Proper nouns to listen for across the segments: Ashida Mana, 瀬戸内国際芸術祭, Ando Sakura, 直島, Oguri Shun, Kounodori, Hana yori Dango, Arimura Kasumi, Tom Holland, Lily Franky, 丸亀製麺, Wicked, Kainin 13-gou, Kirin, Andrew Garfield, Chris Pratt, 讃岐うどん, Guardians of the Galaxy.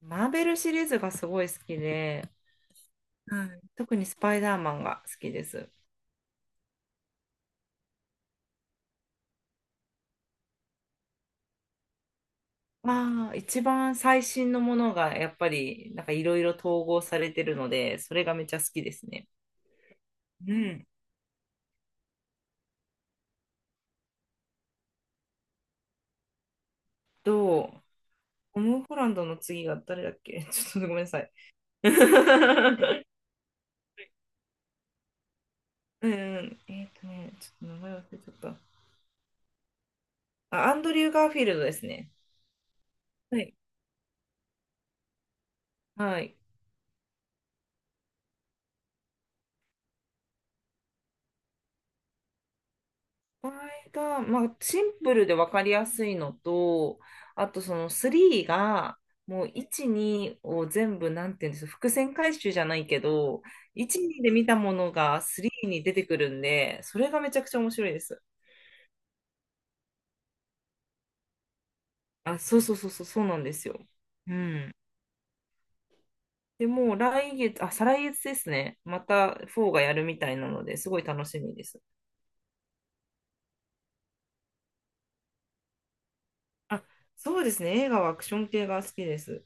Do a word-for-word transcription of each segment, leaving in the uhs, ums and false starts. マーベルシリーズがすごい好きで、はい。特にスパイダーマンが好きです。まあ、一番最新のものがやっぱりなんかいろいろ統合されてるので、それがめっちゃ好きですね。うん。と、トム・ホランドの次が誰だっけ ちょっとごめんなさい。うん。えっとね、ちょっと名前忘れちゃった。あ、アンドリュー・ガーフィールドですね。はい。はい。場合が、まあ、シンプルで分かりやすいのと、あとそのスリーが、もういち、にを全部、なんていうんですか、伏線回収じゃないけど、いち、にで見たものがさんに出てくるんで、それがめちゃくちゃ面白いです。あ、そうそうそうそう、そうなんですよ。うん。で、もう来月、あ、再来月ですね。またフォーがやるみたいなので、すごい楽しみです。あ、そうですね。映画はアクション系が好きです。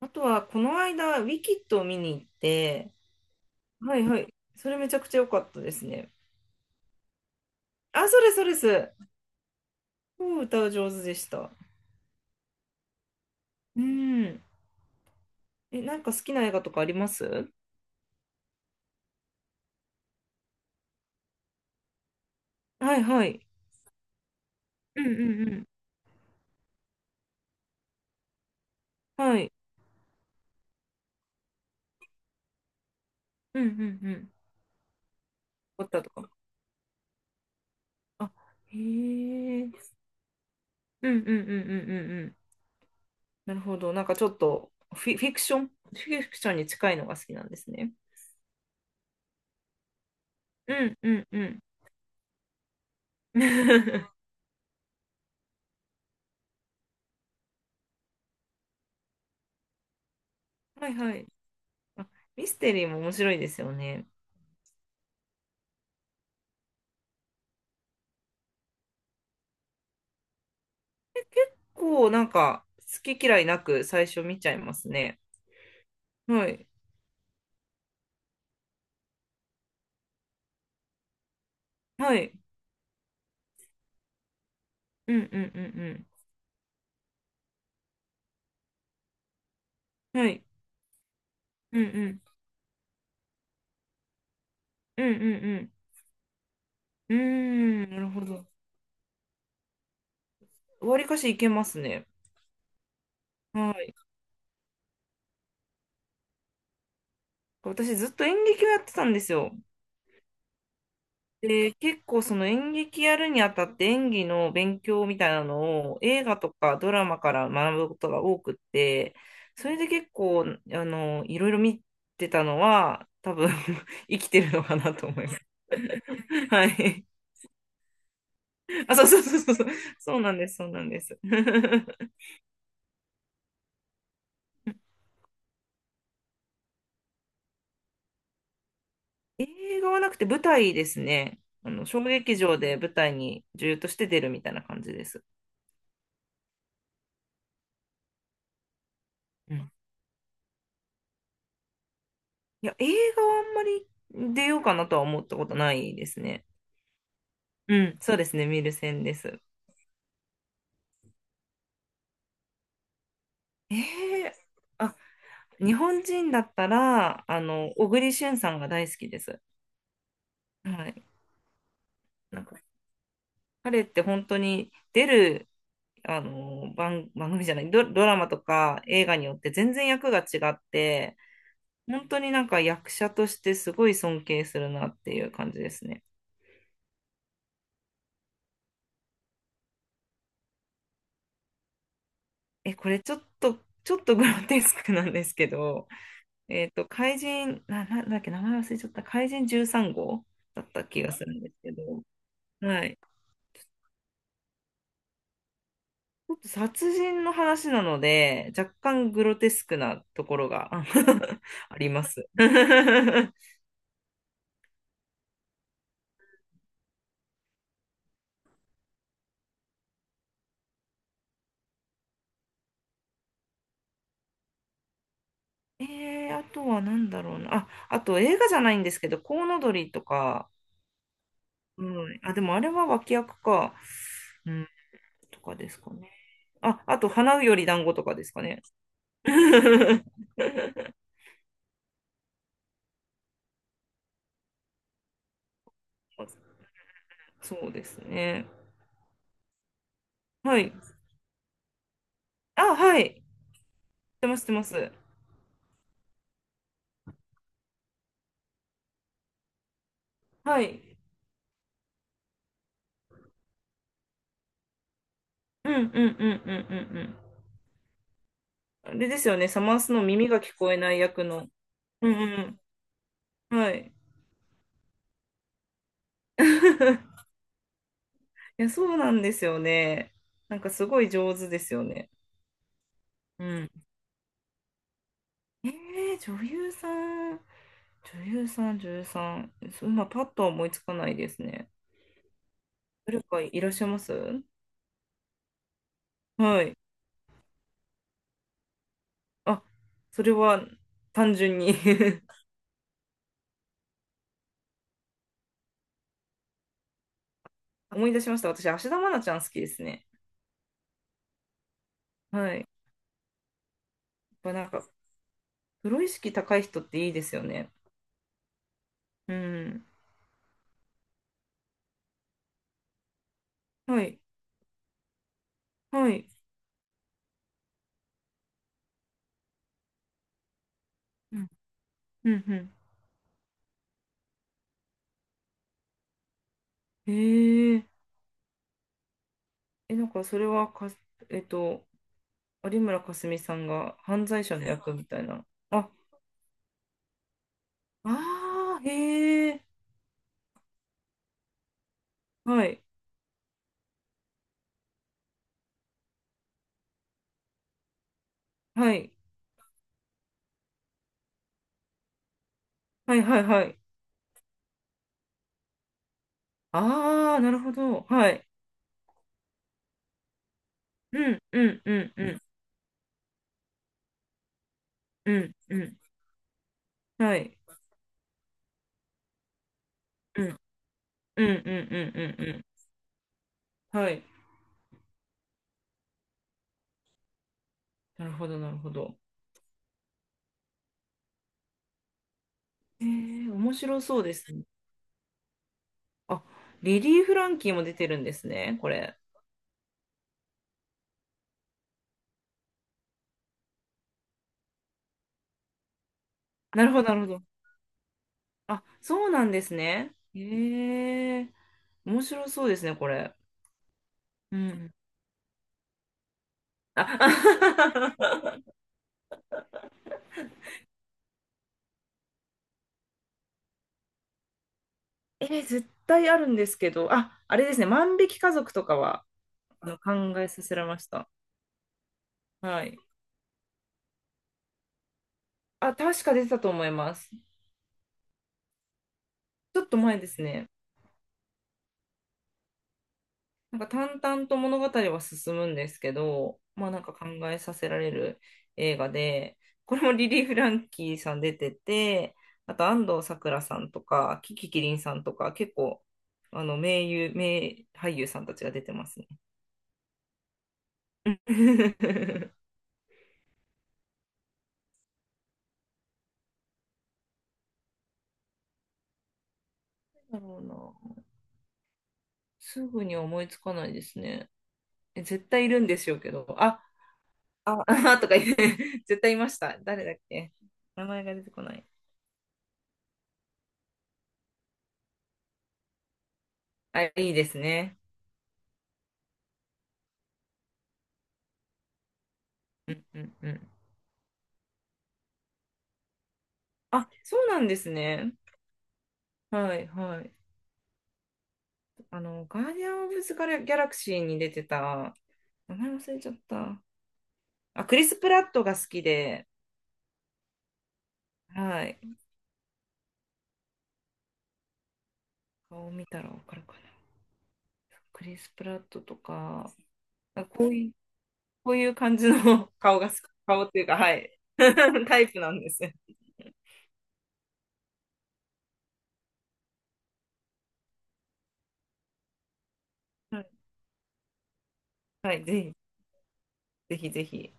あとは、この間、ウィキッドを見に行って、はいはい。それめちゃくちゃ良かったですね。あ、それそれです。うん歌う上手でした。うん。え、なんか好きな映画とかあります？はいはい。うんうんうん。はい。うんうんうん。撮ったとか。あ、へえ。うんうんうんうんうんうん。なるほど。なんかちょっとフィ、フィクション、フィクションに近いのが好きなんですね。うんうんうん。はいはい。あ、ミステリーも面白いですよね。こう、なんか好き嫌いなく最初見ちゃいますね。はい。はい。うんうんうんうん。はい。うんうん。うんうんうん。うーん、なるほど。わりかしいけますね。はい。私ずっと演劇をやってたんですよ。で、結構その演劇やるにあたって演技の勉強みたいなのを映画とかドラマから学ぶことが多くって、それで結構、あの、いろいろ見てたのは、多分 生きてるのかなと思います。はい。あ、そうそうそうそう。そうなんです、そうなんです。映画はなくて舞台ですね。あの、小劇場で舞台に女優として出るみたいな感じです。うん。いや、映画はあんまり出ようかなとは思ったことないですね。うん、そうですね、見る線です。えー、あ、日本人だったら、あの、小栗旬さんが大好きです。はい。なんか、彼って本当に出る、あの、番、番組じゃない、ド、ドラマとか映画によって全然役が違って、本当になんか役者としてすごい尊敬するなっていう感じですね。え、これちょっと、ちょっとグロテスクなんですけど、えっと、怪人、な、なんだっけ、名前忘れちゃった、怪人じゅうさん号だった気がするんですけど、はい。ちょっと殺人の話なので、若干グロテスクなところが あります。えー、あとは何だろうな。あ、あと映画じゃないんですけど、コウノドリとか、うん、あ、でもあれは脇役か。うんとかですかね。あ、あと、花より団子とかですかね。そうですね。はい。あ、はい。知ってます、知ってます。はい。うんうんうんうんうんうん。あれですよね、サマースの耳が聞こえない役の。うんうん。はい。いや、そうなんですよね。なんかすごい上手ですよね。うん。えー、女優さん、女優さん、女優さん、そう今パッとは思いつかないですね。誰かいらっしゃいます？はい。あ、それは単純に 思い出しました。私、芦田愛菜ちゃん好きですね。はい。やっぱなんか、プロ意識高い人っていいですよね。うん。はい。はい。うん。うん。うん。へえ。え、なんか、それはか、えっと、有村架純さんが犯罪者の役みたいな。あ、ああ、へえ。はい。はい。はいはいはい。ああ、なるほど。はい。うん。うん。うん。うん。うん。うん。はい。うんうんうんうんうんうん。はい。なるほど、なるほど。えー、面白そうですね。あ、リリー・フランキーも出てるんですね、これ。なるほど、なるほど。あ、そうなんですね。えー、面白そうですね、これ。うん。あ、えー、絶対あるんですけど、あ、あれですね、万引き家族とかは、あの、考えさせられました。はい。あ、確か出てたと思います。ちょっと前ですね。なんか淡々と物語は進むんですけど、まあなんか考えさせられる映画で、これもリリー・フランキーさん出てて、あと安藤サクラさんとか、キキキリンさんとか、結構、あの、名優、名俳優さんたちが出てますね。なんだろうな。すぐには思いつかないですね。え、絶対いるんでしょうけど、あ、あ、あとか言って、絶対いました。誰だっけ。名前が出てこない。あ、いいですね。うんうんうん。あ、そうなんですね。はいはい。あの、ガーディアン・オブ・ザ・ギャラクシーに出てた、名前忘れちゃった。あ、クリス・プラットが好きで、はい。顔見たらわかるかな。クリス・プラットとか、あこういう、こういう感じの 顔が好き、顔っていうか、はい。タイプなんです。はい、はい、ぜひ、ぜひぜひ。